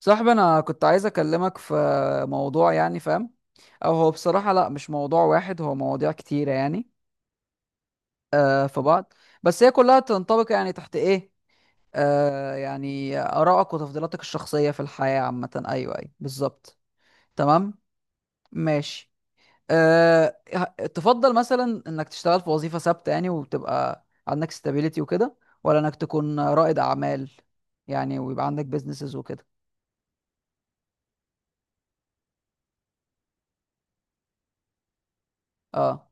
صاحبي انا كنت عايز اكلمك في موضوع، يعني فاهم؟ او هو بصراحة، لا، مش موضوع واحد، هو مواضيع كتيرة يعني. في بعض، بس هي كلها تنطبق يعني تحت ايه. يعني آرائك وتفضيلاتك الشخصية في الحياة عامة. ايوه ايوه بالظبط. تمام. ماشي. تفضل مثلا انك تشتغل في وظيفة ثابتة يعني وتبقى عندك stability وكده، ولا انك تكون رائد اعمال يعني ويبقى عندك businesses وكده؟ اه،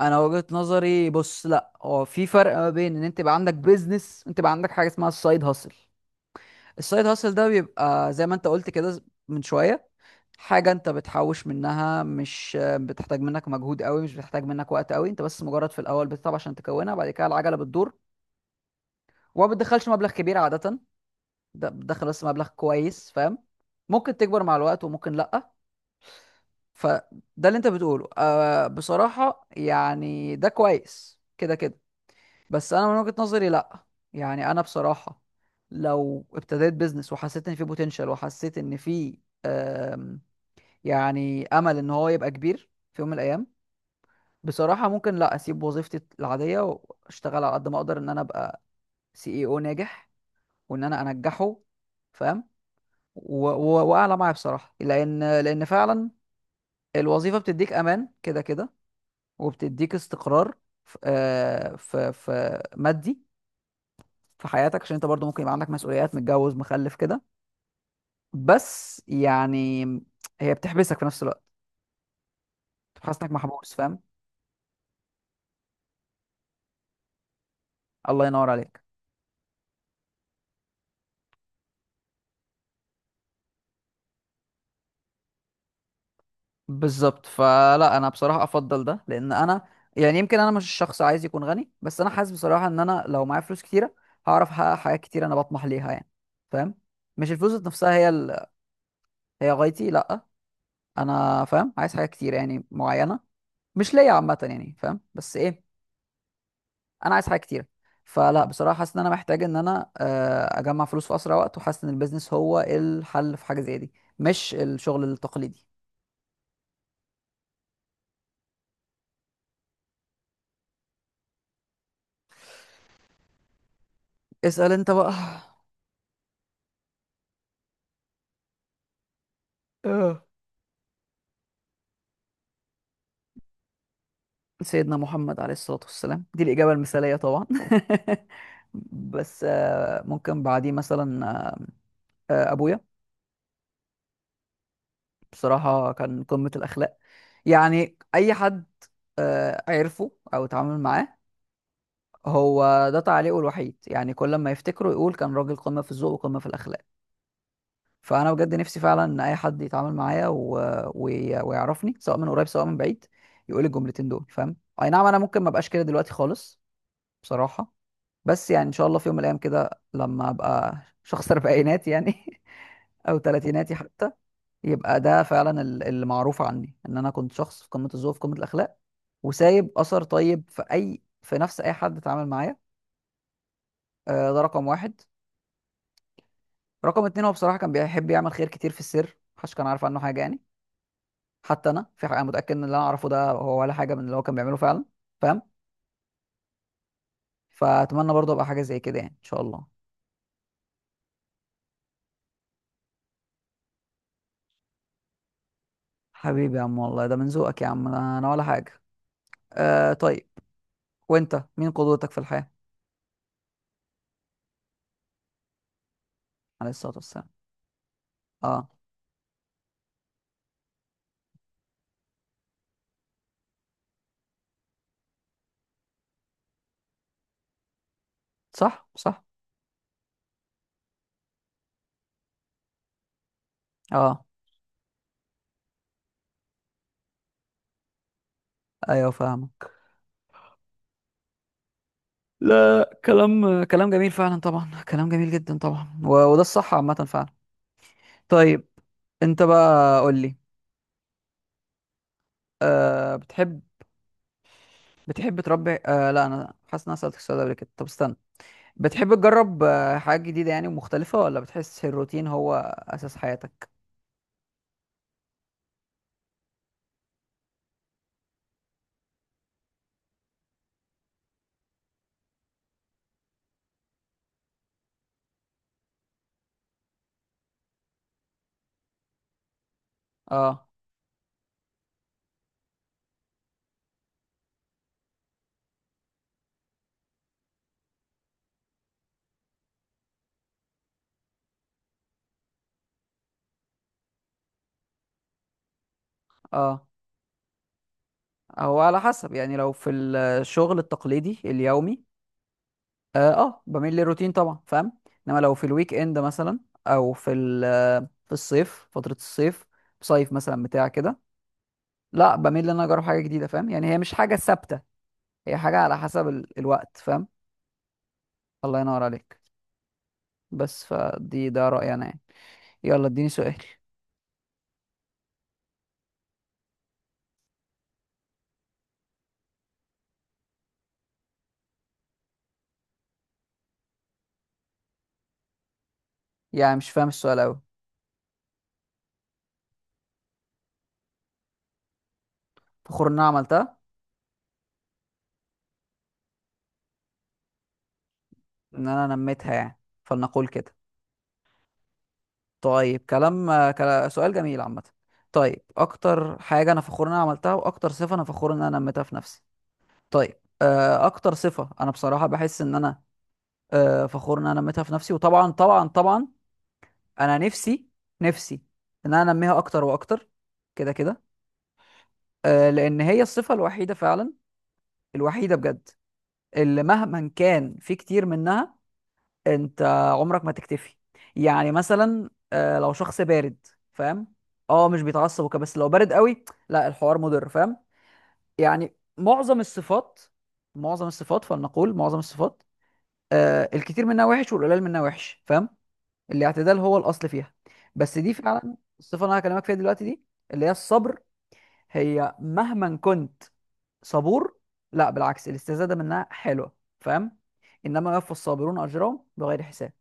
انا وجهة نظري، بص، لا، هو في فرق ما بين ان انت يبقى عندك بيزنس وانت يبقى عندك حاجه اسمها السايد هاسل. السايد هاسل ده بيبقى زي ما انت قلت كده من شويه، حاجه انت بتحوش منها، مش بتحتاج منك مجهود قوي، مش بتحتاج منك وقت قوي، انت بس مجرد في الاول بتتعب عشان تكونها، بعد كده العجله بتدور. وما بتدخلش مبلغ كبير عاده، ده بتدخل بس مبلغ كويس فاهم، ممكن تكبر مع الوقت وممكن لا. فده اللي انت بتقوله بصراحه يعني ده كويس كده كده. بس انا من وجهة نظري لا، يعني انا بصراحة لو ابتديت بيزنس وحسيت ان فيه بوتنشال وحسيت ان فيه آم، يعني امل ان هو يبقى كبير في يوم من الايام، بصراحة ممكن لا اسيب وظيفتي العادية واشتغل على قد ما اقدر ان انا ابقى سي اي او ناجح وان انا انجحه، فاهم؟ واعلى معايا بصراحة، لان فعلا الوظيفة بتديك امان كده كده، وبتديك استقرار في في مادي في حياتك، عشان انت برضو ممكن يبقى عندك مسؤوليات، متجوز مخلف كده، بس يعني هي بتحبسك في نفس الوقت، بتحس انك محبوس فاهم. الله ينور عليك. بالظبط، فلا انا بصراحة افضل ده، لان انا يعني، يمكن انا مش شخص عايز يكون غني، بس انا حاسس بصراحة ان انا لو معايا فلوس كتيرة هعرف احقق حاجات كتير انا بطمح ليها يعني، فاهم؟ مش الفلوس ذات نفسها هي ال... هي غايتي، لا، انا فاهم، عايز حاجات كتير يعني معينة، مش ليا عامة يعني فاهم، بس ايه، انا عايز حاجه كتيره. فلا بصراحه حاسس ان انا محتاج ان انا اجمع فلوس في اسرع وقت، وحاسس ان البيزنس هو الحل في حاجه زي دي، مش الشغل التقليدي. اسال انت بقى. اه. سيدنا محمد عليه الصلاه والسلام، دي الاجابه المثاليه طبعا. بس ممكن بعديه مثلا، ابويا. بصراحه كان قمه الاخلاق، يعني اي حد عرفه او اتعامل معاه، هو ده تعليقه الوحيد، يعني كل ما يفتكره يقول كان راجل قمه في الذوق وقمه في الاخلاق. فانا بجد نفسي فعلا ان اي حد يتعامل معايا ويعرفني، سواء من قريب سواء من بعيد، يقول الجملتين دول فاهم. اي نعم انا ممكن ما ابقاش كده دلوقتي خالص بصراحه، بس يعني ان شاء الله في يوم من الايام كده لما ابقى شخص اربعينات يعني او تلاتيناتي حتى، يبقى ده فعلا اللي معروف عني ان انا كنت شخص في قمه الذوق في قمه الاخلاق، وسايب اثر طيب في اي في نفس اي حد اتعامل معايا. ده رقم واحد. رقم اتنين هو بصراحه كان بيحب يعمل خير كتير في السر، محدش كان عارف عنه حاجه يعني، حتى انا في حاجه انا متاكد ان اللي انا اعرفه ده هو ولا حاجه من اللي هو كان بيعمله فعلا، فاهم؟ فاتمنى برضه ابقى حاجه زي كده يعني ان شاء الله. حبيبي يا عم، والله ده من ذوقك يا عم، انا أنا ولا حاجه. آه طيب، وانت مين قدوتك في الحياه؟ عليه الصلاه والسلام. اه. صح صح. اه. ايوه فاهمك. لا، كلام كلام جميل فعلا طبعا، كلام جميل جدا طبعا، و... وده الصح عامه فعلا. طيب، انت بقى قول لي. آه بتحب بتحب تربي، لا انا حاسس ان انا سالتك السؤال ده قبل كده، طب استنى. بتحب تجرب حاجات جديدة يعني ومختلفة، ولا بتحس الروتين هو أساس حياتك؟ اه. اه. هو على حسب يعني، لو في الشغل التقليدي اليومي اه, بميل للروتين طبعا، فاهم. انما لو في الويك اند مثلا، او في الصيف، فترة الصيف، صيف مثلا بتاع كده، لا بميل ان انا اجرب حاجة جديدة، فاهم يعني، هي مش حاجة ثابتة، هي حاجة على حسب الوقت، فاهم. الله ينور عليك. بس فدي ده رأيي انا يعني. يلا اديني سؤال. يعني مش فاهم السؤال اوي. فخور ان انا عملتها، ان انا نميتها يعني فلنقول كده. طيب، كلام سؤال جميل عامة. طيب، اكتر حاجة انا فخور ان انا عملتها واكتر صفة انا فخور ان انا نميتها في نفسي. طيب، اكتر صفة انا بصراحة بحس ان انا فخور ان انا نميتها في نفسي، وطبعا طبعا طبعا انا نفسي، نفسي ان انا انميها اكتر واكتر، كده كده، لان هي الصفة الوحيدة فعلا، الوحيدة بجد، اللي مهما كان في كتير منها، انت عمرك ما تكتفي. يعني مثلا لو شخص بارد فاهم، اه، مش بيتعصب وكده، بس لو بارد قوي لا، الحوار مضر فاهم. يعني معظم الصفات، معظم الصفات، فلنقول معظم الصفات، الكتير منها وحش والقليل منها وحش، فاهم. الاعتدال هو الاصل فيها، بس دي فعلا الصفه اللي انا هكلمك فيها دلوقتي دي، اللي هي الصبر. هي مهما كنت صبور، لا بالعكس، الاستزاده منها حلوه فاهم، انما يوفى الصابرون اجرهم بغير حساب،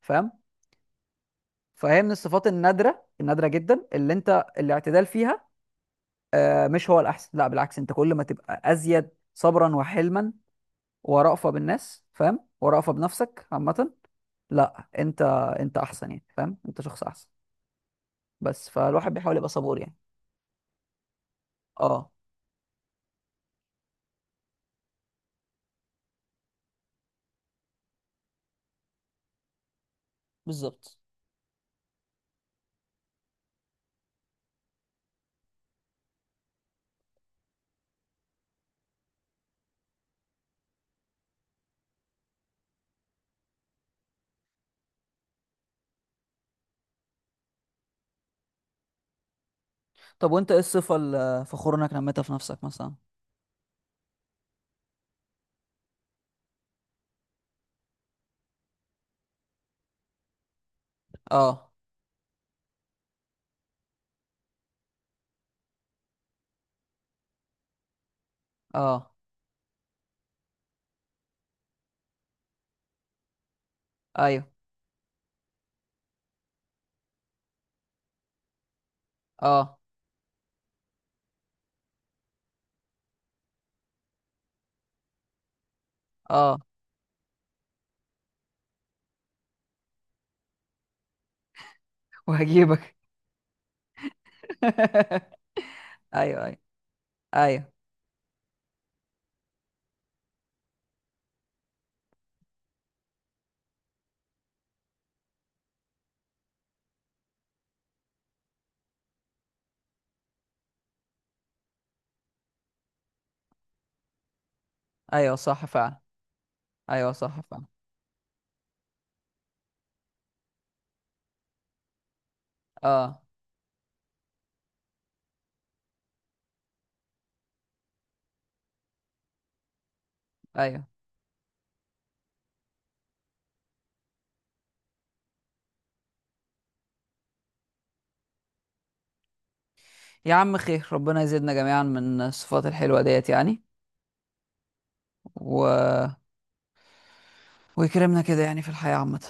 فاهم؟ فهي من الصفات النادره، النادره جدا، اللي انت الاعتدال فيها مش هو الاحسن، لا بالعكس، انت كل ما تبقى ازيد صبرا وحلما ورأفة بالناس فاهم، ورأفة بنفسك عامه، لا انت انت احسن يعني فاهم، انت شخص احسن. بس فالواحد بيحاول يبقى صبور يعني. اه. بالظبط. طب وانت ايه الصفه اللي فخور انك نميتها في نفسك مثلا؟ اه. اه. ايوه. اه. اه. وهجيبك. ايوه ايوه. ايوه. ايوه صح فعلا. ايوه صح فعلا. اه. ايوه. يا عم خير، ربنا يزيدنا جميعا من الصفات الحلوة ديت يعني، و... ويكرمنا كده يعني في الحياة عامة.